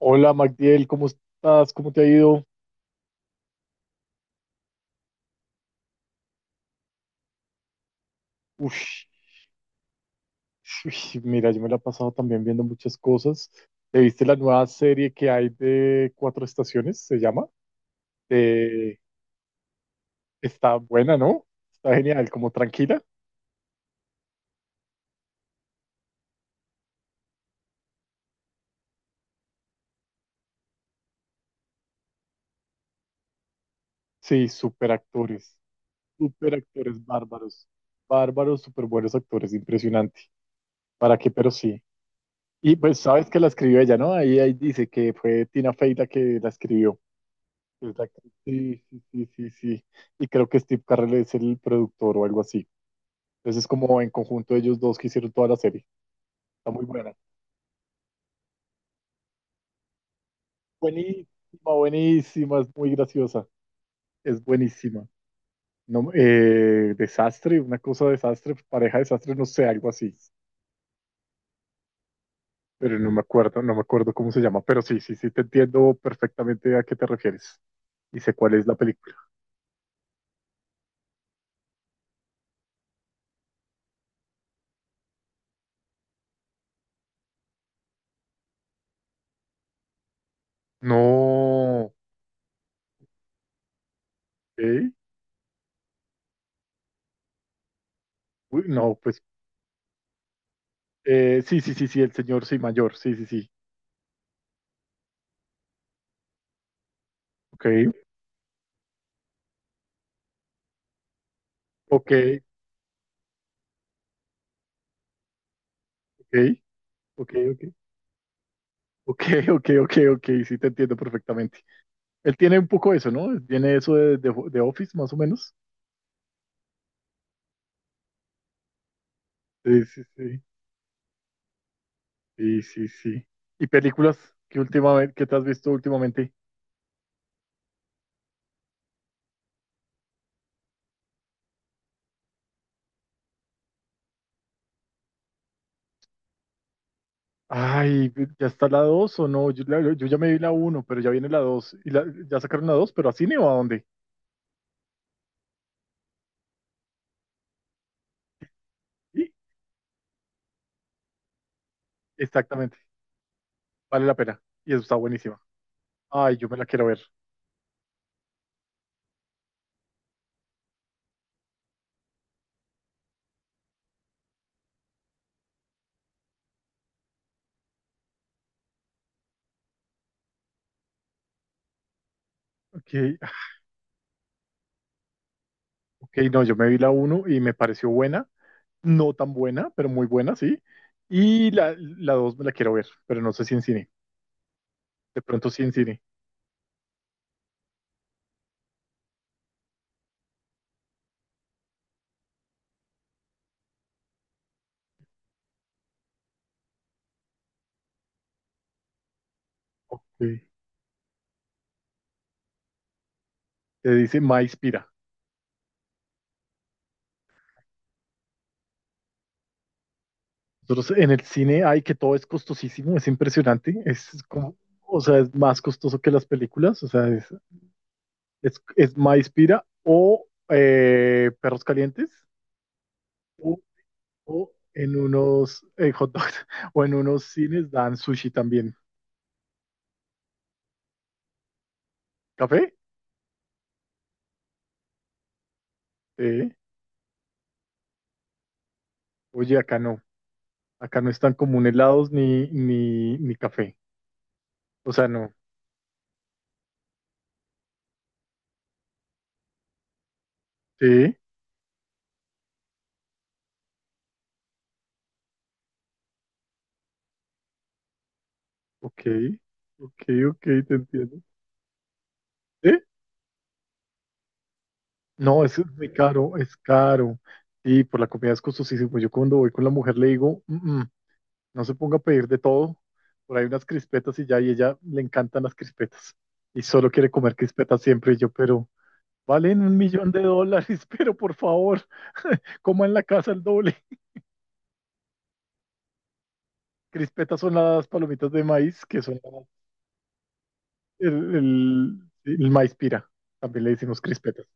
Hola Magdiel, ¿cómo estás? ¿Cómo te ha ido? Ush, ush, mira, yo me la he pasado también viendo muchas cosas. ¿Te viste la nueva serie que hay de Cuatro Estaciones? Se llama. Eh, está buena, ¿no? Está genial, como tranquila. Sí, súper actores bárbaros, bárbaros, súper buenos actores, impresionante. ¿Para qué? Pero sí. Y pues sabes que la escribió ella, ¿no? Ahí dice que fue Tina Fey la que la escribió. Exacto. Sí, sí, sí, sí, sí. Y creo que Steve Carell es el productor o algo así. Entonces es como en conjunto ellos dos que hicieron toda la serie. Está muy buena. Buenísima, buenísima, es muy graciosa. Es buenísima. No, desastre, una cosa desastre, pareja desastre, no sé, algo así. Pero no me acuerdo, no me acuerdo cómo se llama. Pero sí, sí, sí, te entiendo perfectamente a qué te refieres. Y sé cuál es la película. No, ¿eh? Uy, no, pues sí, sí, sí, sí, el señor, sí, mayor, sí, sí, sí. Ok, ok, ok, ok, ok, ok, ok, ok, ok, sí te entiendo perfectamente. Él tiene un poco eso, ¿no? Tiene eso de, Office, más o menos. Sí, sí, sí, sí, sí, sí. ¿Y películas que te has visto últimamente? Ay, ¿ya está la 2 o no? Yo ya me vi la uno, pero ya viene la dos. ¿Y ya sacaron la dos, pero a cine o a dónde? Sí, exactamente, vale la pena. Y eso está buenísima. Ay, yo me la quiero ver. Ok, ok, no, yo me vi la uno y me pareció buena. No tan buena, pero muy buena, sí. Y la dos me la quiero ver, pero no sé si en cine. De pronto sí en cine. Ok. Te dice Maíspira. Nosotros en el cine hay que todo es costosísimo, es impresionante. Es como, o sea, es más costoso que las películas. O sea, es, Maíspira o Perros Calientes o, o en unos hot dogs o en unos cines dan sushi también. ¿Café? Sí. Oye, acá no. Acá no están como un helados ni café. O sea, no. Sí, ok, ok, ok, te entiendo. ¿Sí? No, es muy caro, es caro. Sí, por la comida es costosísimo. Yo cuando voy con la mujer le digo, No se ponga a pedir de todo. Por ahí unas crispetas y ya, y ella le encantan las crispetas. Y solo quiere comer crispetas siempre. Y yo, pero valen un millón de dólares, pero por favor, coma en la casa el doble." Crispetas son las palomitas de maíz, que son el maíz pira, también le decimos crispetas.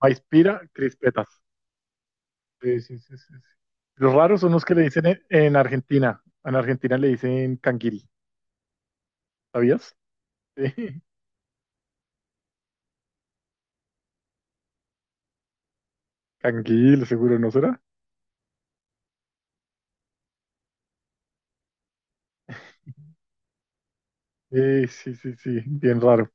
Maíz pira, crispetas. Sí, sí, sí, sí, sí. Los raros son los que le dicen en Argentina. En Argentina le dicen canguil, ¿sabías? Sí. Canguil, seguro, ¿no será? Sí, sí, sí, sí, bien raro.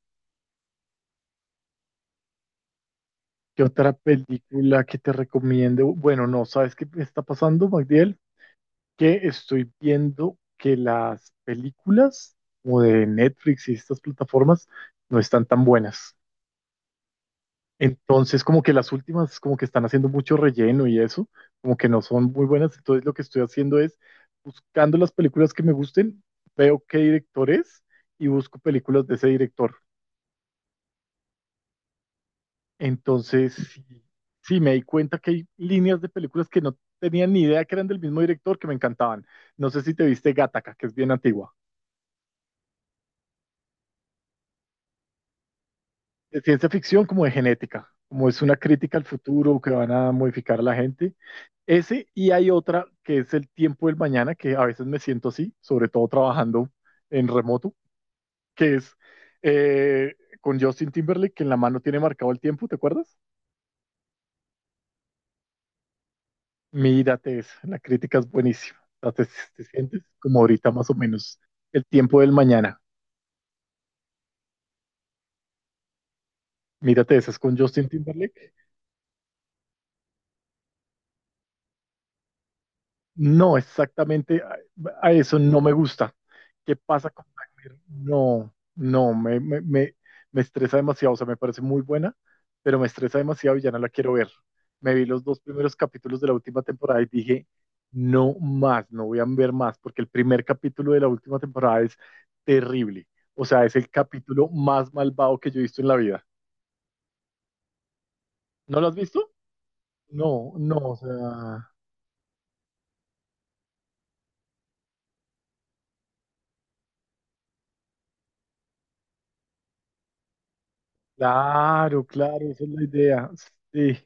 ¿Qué otra película que te recomiendo? Bueno, no, ¿sabes qué me está pasando, Magdiel? Que estoy viendo que las películas como de Netflix y estas plataformas no están tan buenas. Entonces, como que las últimas, como que están haciendo mucho relleno y eso, como que no son muy buenas. Entonces, lo que estoy haciendo es buscando las películas que me gusten, veo qué director es y busco películas de ese director. Entonces, sí, sí, me di cuenta que hay líneas de películas que no tenía ni idea que eran del mismo director que me encantaban. No sé si te viste Gattaca, que es bien antigua. De ciencia ficción como de genética, como es una crítica al futuro que van a modificar a la gente. Ese, y hay otra que es el tiempo del mañana, que a veces me siento así, sobre todo trabajando en remoto, que es con Justin Timberlake, que en la mano tiene marcado el tiempo, ¿te acuerdas? Mírate eso, la crítica es buenísima. O sea, te sientes como ahorita más o menos el tiempo del mañana. Mírate, esa es con Justin Timberlake. No, exactamente a eso no me gusta. ¿Qué pasa con Black Mirror? No, no, me estresa demasiado. O sea, me parece muy buena, pero me estresa demasiado y ya no la quiero ver. Me vi los dos primeros capítulos de la última temporada y dije, no más, no voy a ver más, porque el primer capítulo de la última temporada es terrible. O sea, es el capítulo más malvado que yo he visto en la vida. ¿No lo has visto? No, no, o sea, claro, claro, esa es la idea. Sí.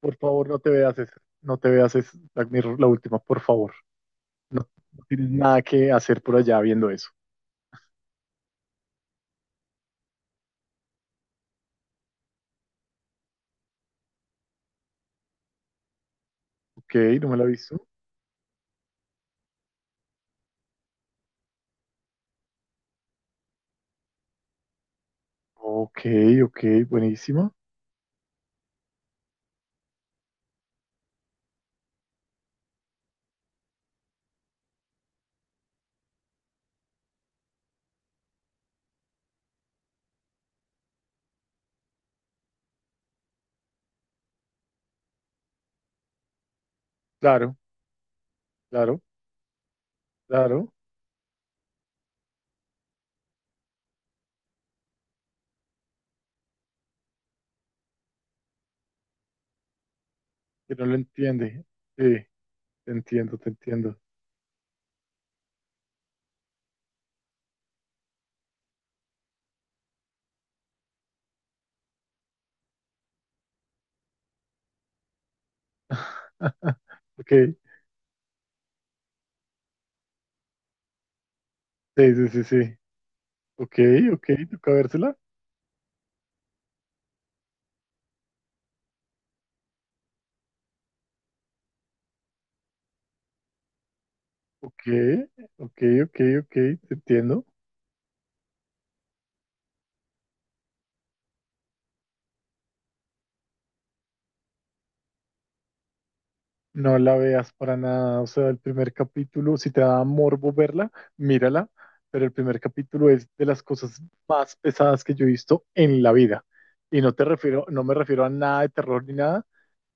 Por favor, no te veas eso. No te veas eso. Black Mirror, la última, por favor. No, no tienes nada que hacer por allá viendo eso. Ok, no me la he visto. Ok, ok, buenísima. Claro, claro, claro. Que no lo entiende. Sí, te entiendo, te entiendo. Ok, sí, sí, sí, sí. Ok, ok, toca vérsela. Ok, ok, ok, ok, te entiendo. No la veas para nada, o sea, el primer capítulo, si te da morbo verla, mírala, pero el primer capítulo es de las cosas más pesadas que yo he visto en la vida. Y no te refiero, no me refiero a nada de terror ni nada,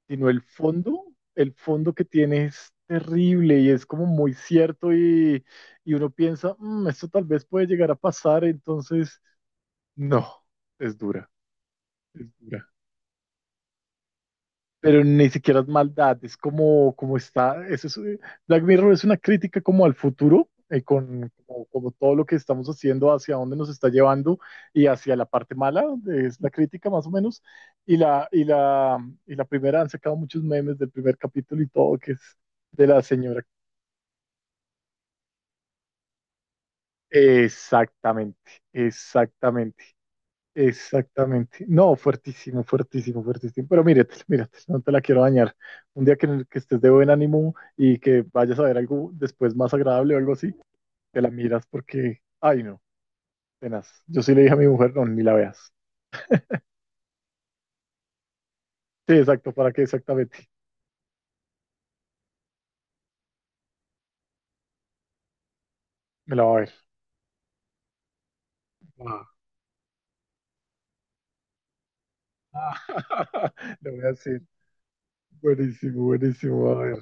sino el fondo que tiene es terrible y es como muy cierto y uno piensa, "Mm, esto tal vez puede llegar a pasar, entonces, no, es dura, es dura." Pero ni siquiera es maldad, es como, como está, eso es, Black Mirror es una crítica como al futuro, con como, como todo lo que estamos haciendo, hacia dónde nos está llevando y hacia la parte mala, donde es la crítica más o menos, y la, y la primera, han sacado muchos memes del primer capítulo y todo, que es de la señora. Exactamente, exactamente. Exactamente. No, fuertísimo, fuertísimo, fuertísimo. Pero mírate, mírate, no te la quiero dañar. Un día que, en el que estés de buen ánimo y que vayas a ver algo después más agradable o algo así, te la miras porque, ay no, tenaz. Yo sí le dije a mi mujer, no, ni la veas. Sí, exacto, ¿para qué exactamente? Me la va a ver. Ah. Le voy a decir, buenísimo, buenísimo, a ver.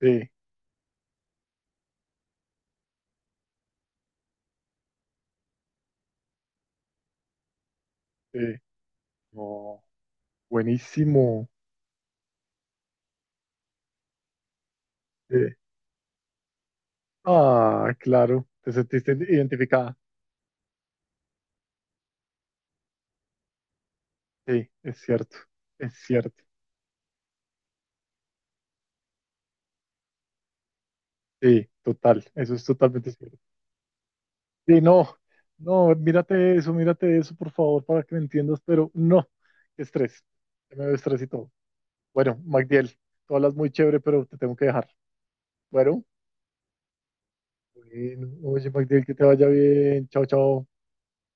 Sí, sí. No, buenísimo. Sí. Ah, claro, te sentiste identificada. Sí, es cierto, es cierto. Sí, total, eso es totalmente cierto. Sí, no, no, mírate eso, por favor, para que me entiendas, pero no, qué estrés, ya me veo estrés y todo. Bueno, Magdiel, tú hablas muy chévere, pero te tengo que dejar. Bueno, bueno, oye, Magdiel, que te vaya bien, chao, chao.